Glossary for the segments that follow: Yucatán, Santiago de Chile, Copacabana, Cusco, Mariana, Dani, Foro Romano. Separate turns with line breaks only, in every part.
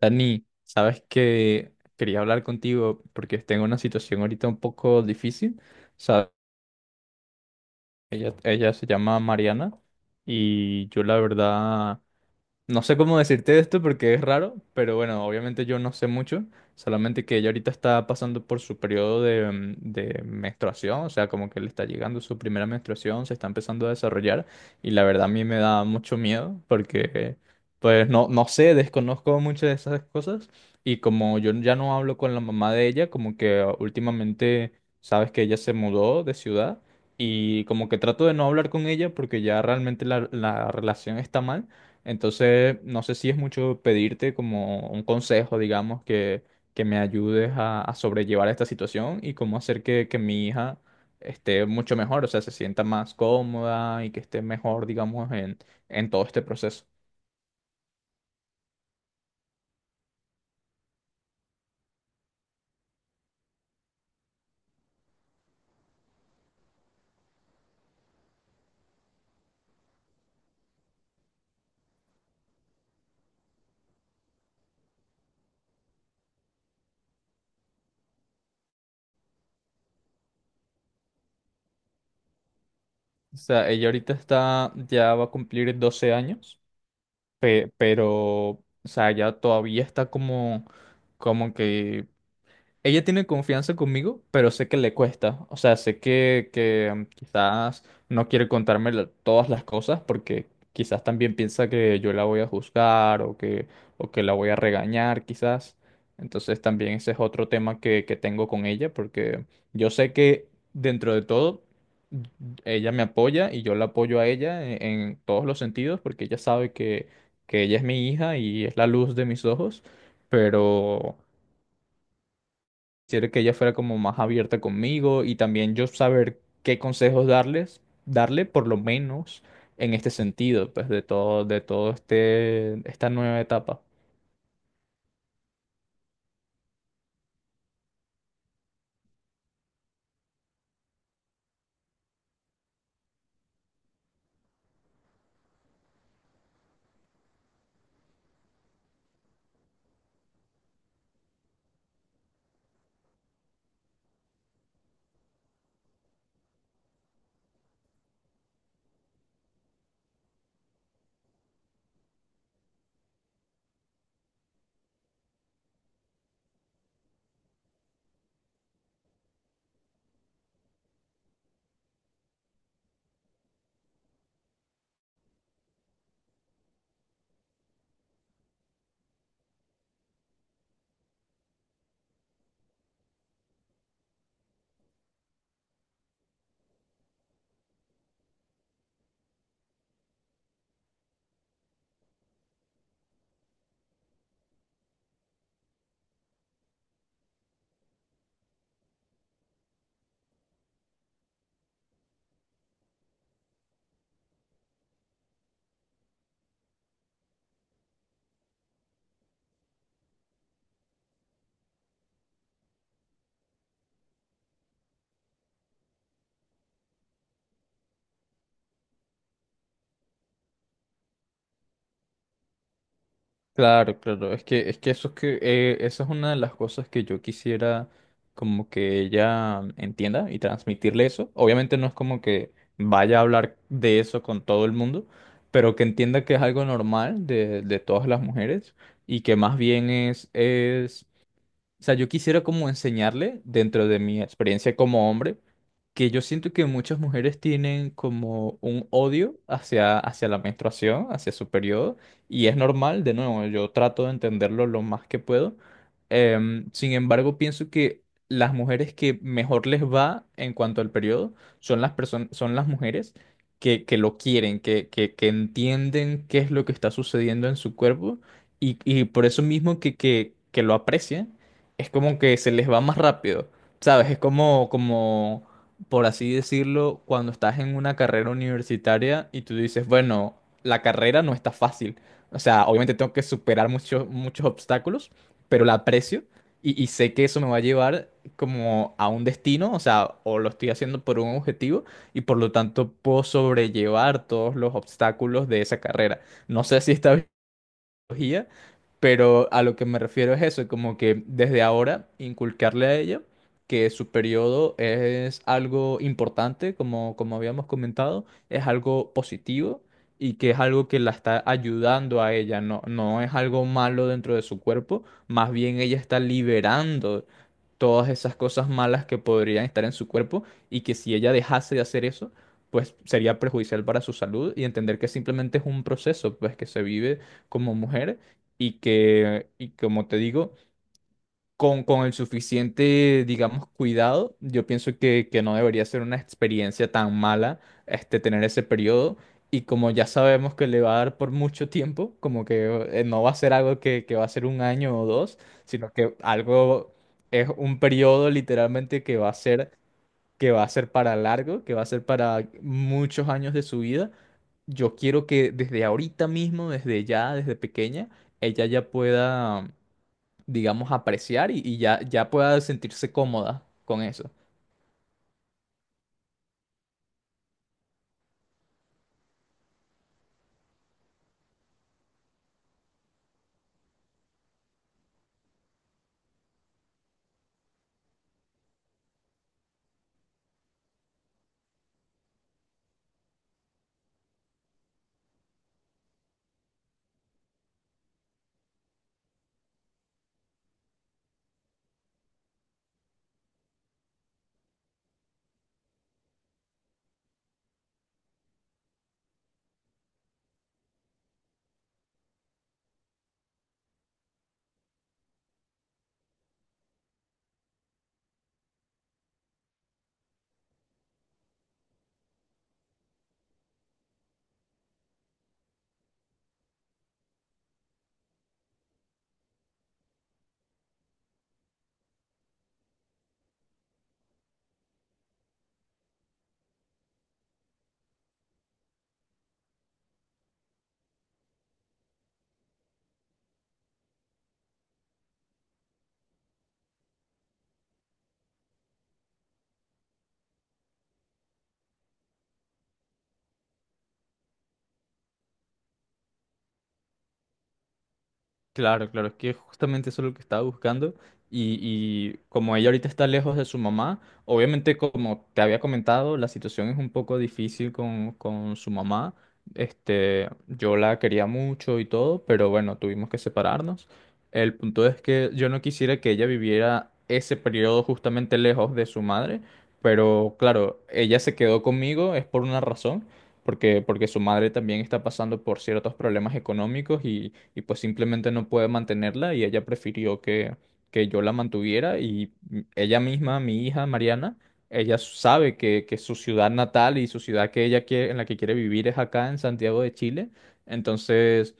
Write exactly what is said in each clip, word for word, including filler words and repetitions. Dani, sabes que quería hablar contigo porque tengo una situación ahorita un poco difícil. Sa- Ella, ella se llama Mariana y yo la verdad no sé cómo decirte esto porque es raro, pero bueno, obviamente yo no sé mucho, solamente que ella ahorita está pasando por su periodo de, mm, de menstruación, o sea, como que le está llegando su primera menstruación, se está empezando a desarrollar y la verdad a mí me da mucho miedo porque pues no, no sé, desconozco muchas de esas cosas. Y como yo ya no hablo con la mamá de ella, como que últimamente sabes que ella se mudó de ciudad y como que trato de no hablar con ella porque ya realmente la la relación está mal. Entonces, no sé si es mucho pedirte como un consejo, digamos, que, que me ayudes a, a sobrellevar esta situación y cómo hacer que, que mi hija esté mucho mejor, o sea, se sienta más cómoda y que esté mejor, digamos, en, en todo este proceso. O sea, ella ahorita está, ya va a cumplir doce años, pe- pero, o sea, ya todavía está como, como que ella tiene confianza conmigo, pero sé que le cuesta. O sea, sé que, que mm, quizás no quiere contarme la- todas las cosas porque quizás también piensa que yo la voy a juzgar o que, o que la voy a regañar, quizás. Entonces también ese es otro tema que, que tengo con ella porque yo sé que dentro de todo mm, ella me apoya y yo la apoyo a ella en, en todos los sentidos porque ella sabe que, que ella es mi hija y es la luz de mis ojos, pero quisiera que ella fuera como más abierta conmigo y también yo saber qué consejos darles, darle por lo menos en este sentido, pues de todo, de todo este, esta nueva etapa. Claro, claro, es que, es que eso es que, eh, eso es una de las cosas que yo quisiera como que ella entienda y transmitirle eso. Obviamente no es como que vaya a hablar de eso con todo el mundo, pero que entienda que es algo normal de, de todas las mujeres y que más bien es, es O sea, yo quisiera como enseñarle, dentro de mi experiencia como hombre, que yo siento que muchas mujeres tienen como un odio hacia, hacia la menstruación, hacia su periodo, y es normal, de nuevo, yo trato de entenderlo lo más que puedo. Em, sin embargo, pienso que las mujeres que mejor les va en cuanto al periodo son las personas, son las mujeres que, que lo quieren, que, que, que entienden qué es lo que está sucediendo en su cuerpo y, y por eso mismo que, que, que lo aprecian es como que se les va más rápido, ¿sabes? Es como, como, por así decirlo, cuando estás en una carrera universitaria y tú dices, bueno, la carrera no está fácil. O sea, obviamente tengo que superar muchos, muchos obstáculos, pero la aprecio y, y sé que eso me va a llevar como a un destino, o sea, o lo estoy haciendo por un objetivo y por lo tanto puedo sobrellevar todos los obstáculos de esa carrera. No sé si está tecnología, pero a lo que me refiero es eso, como que desde ahora inculcarle a ella que su periodo es algo importante, como, como habíamos comentado, es algo positivo y que es algo que la está ayudando a ella, no, no es algo malo dentro de su cuerpo, más bien ella está liberando todas esas cosas malas que podrían estar en su cuerpo y que si ella dejase de hacer eso, pues sería perjudicial para su salud, y entender que simplemente es un proceso, pues, que se vive como mujer y que, y como te digo, con, con el suficiente, digamos, cuidado, yo pienso que, que no debería ser una experiencia tan mala este, tener ese periodo. Y como ya sabemos que le va a dar por mucho tiempo, como que eh, no va a ser algo que, que va a ser un año o dos, sino que algo, es un periodo literalmente que va a ser, que va a ser para largo, que va a ser para muchos años de su vida. Yo quiero que desde ahorita mismo, desde ya, desde pequeña, ella ya pueda, digamos, apreciar y, y ya, ya pueda sentirse cómoda con eso. Claro, claro, es que justamente eso es lo que estaba buscando. Y, y como ella ahorita está lejos de su mamá, obviamente como te había comentado, la situación es un poco difícil con, con su mamá. Este, yo la quería mucho y todo, pero bueno, tuvimos que separarnos. El punto es que yo no quisiera que ella viviera ese periodo justamente lejos de su madre, pero claro, ella se quedó conmigo, es por una razón, porque, porque su madre también está pasando por ciertos problemas económicos y, y pues simplemente no puede mantenerla y ella prefirió que, que yo la mantuviera. Y ella misma, mi hija Mariana, ella sabe que, que su ciudad natal y su ciudad que ella quiere, en la que quiere vivir es acá en Santiago de Chile, entonces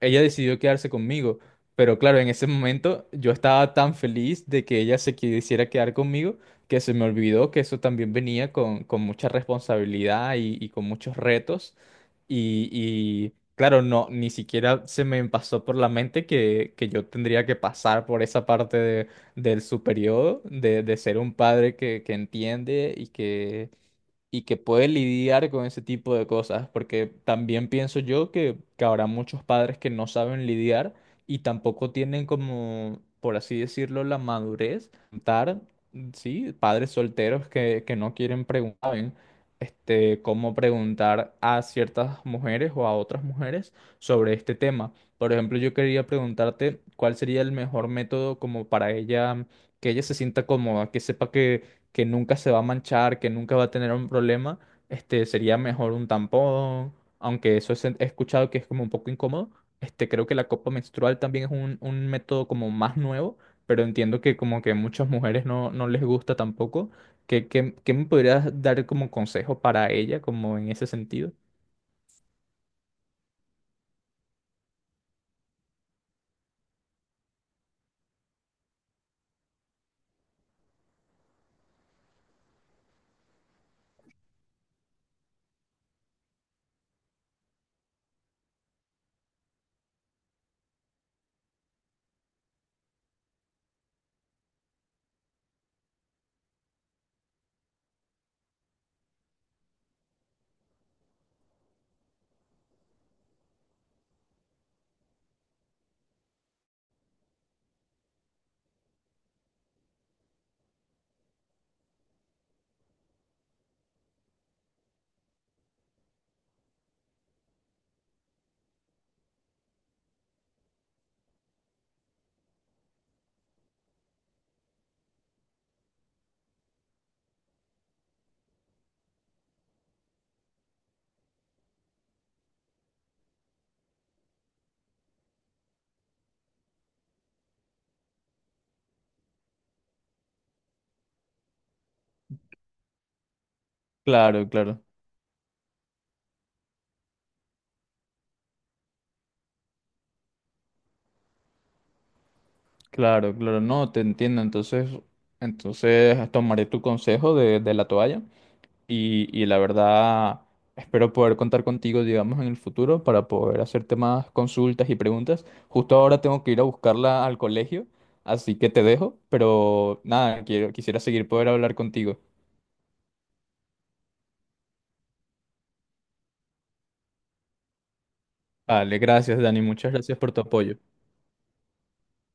ella decidió quedarse conmigo. Pero claro, en ese momento yo estaba tan feliz de que ella se quisiera quedar conmigo que se me olvidó que eso también venía con, con mucha responsabilidad y, y con muchos retos. Y, y, claro, no, ni siquiera se me pasó por la mente que, que yo tendría que pasar por esa parte de- del su periodo, de, de ser un padre que, que entiende y que y que puede lidiar con ese tipo de cosas, porque también pienso yo que, que habrá muchos padres que no saben lidiar y tampoco tienen como, por así decirlo, la madurez, dar, sí, padres solteros que, que no quieren preguntar, ¿saben? Este, cómo preguntar a ciertas mujeres o a otras mujeres sobre este tema. Por ejemplo, yo quería preguntarte cuál sería el mejor método como para ella, que ella se sienta cómoda, que sepa que nunca se va a manchar, que nunca va a tener un problema, este, sería mejor un tampón, aunque eso es- he escuchado que es como un poco incómodo. Este, creo que la copa menstrual también es un, un método como más nuevo, pero entiendo que como que muchas mujeres no, no les gusta tampoco. ¿Qué, qué, qué me podrías dar como consejo para ella, como en ese sentido? Claro, claro, claro, claro, no, te entiendo. Entonces, entonces tomaré tu consejo de, de la toalla. Y, y la verdad espero poder contar contigo, digamos, en el futuro para poder hacerte más consultas y preguntas. Justo ahora tengo que ir a buscarla al colegio, así que te dejo, pero nada, quiero, quisiera seguir poder hablar contigo. Vale, gracias, Dani, muchas gracias por tu apoyo.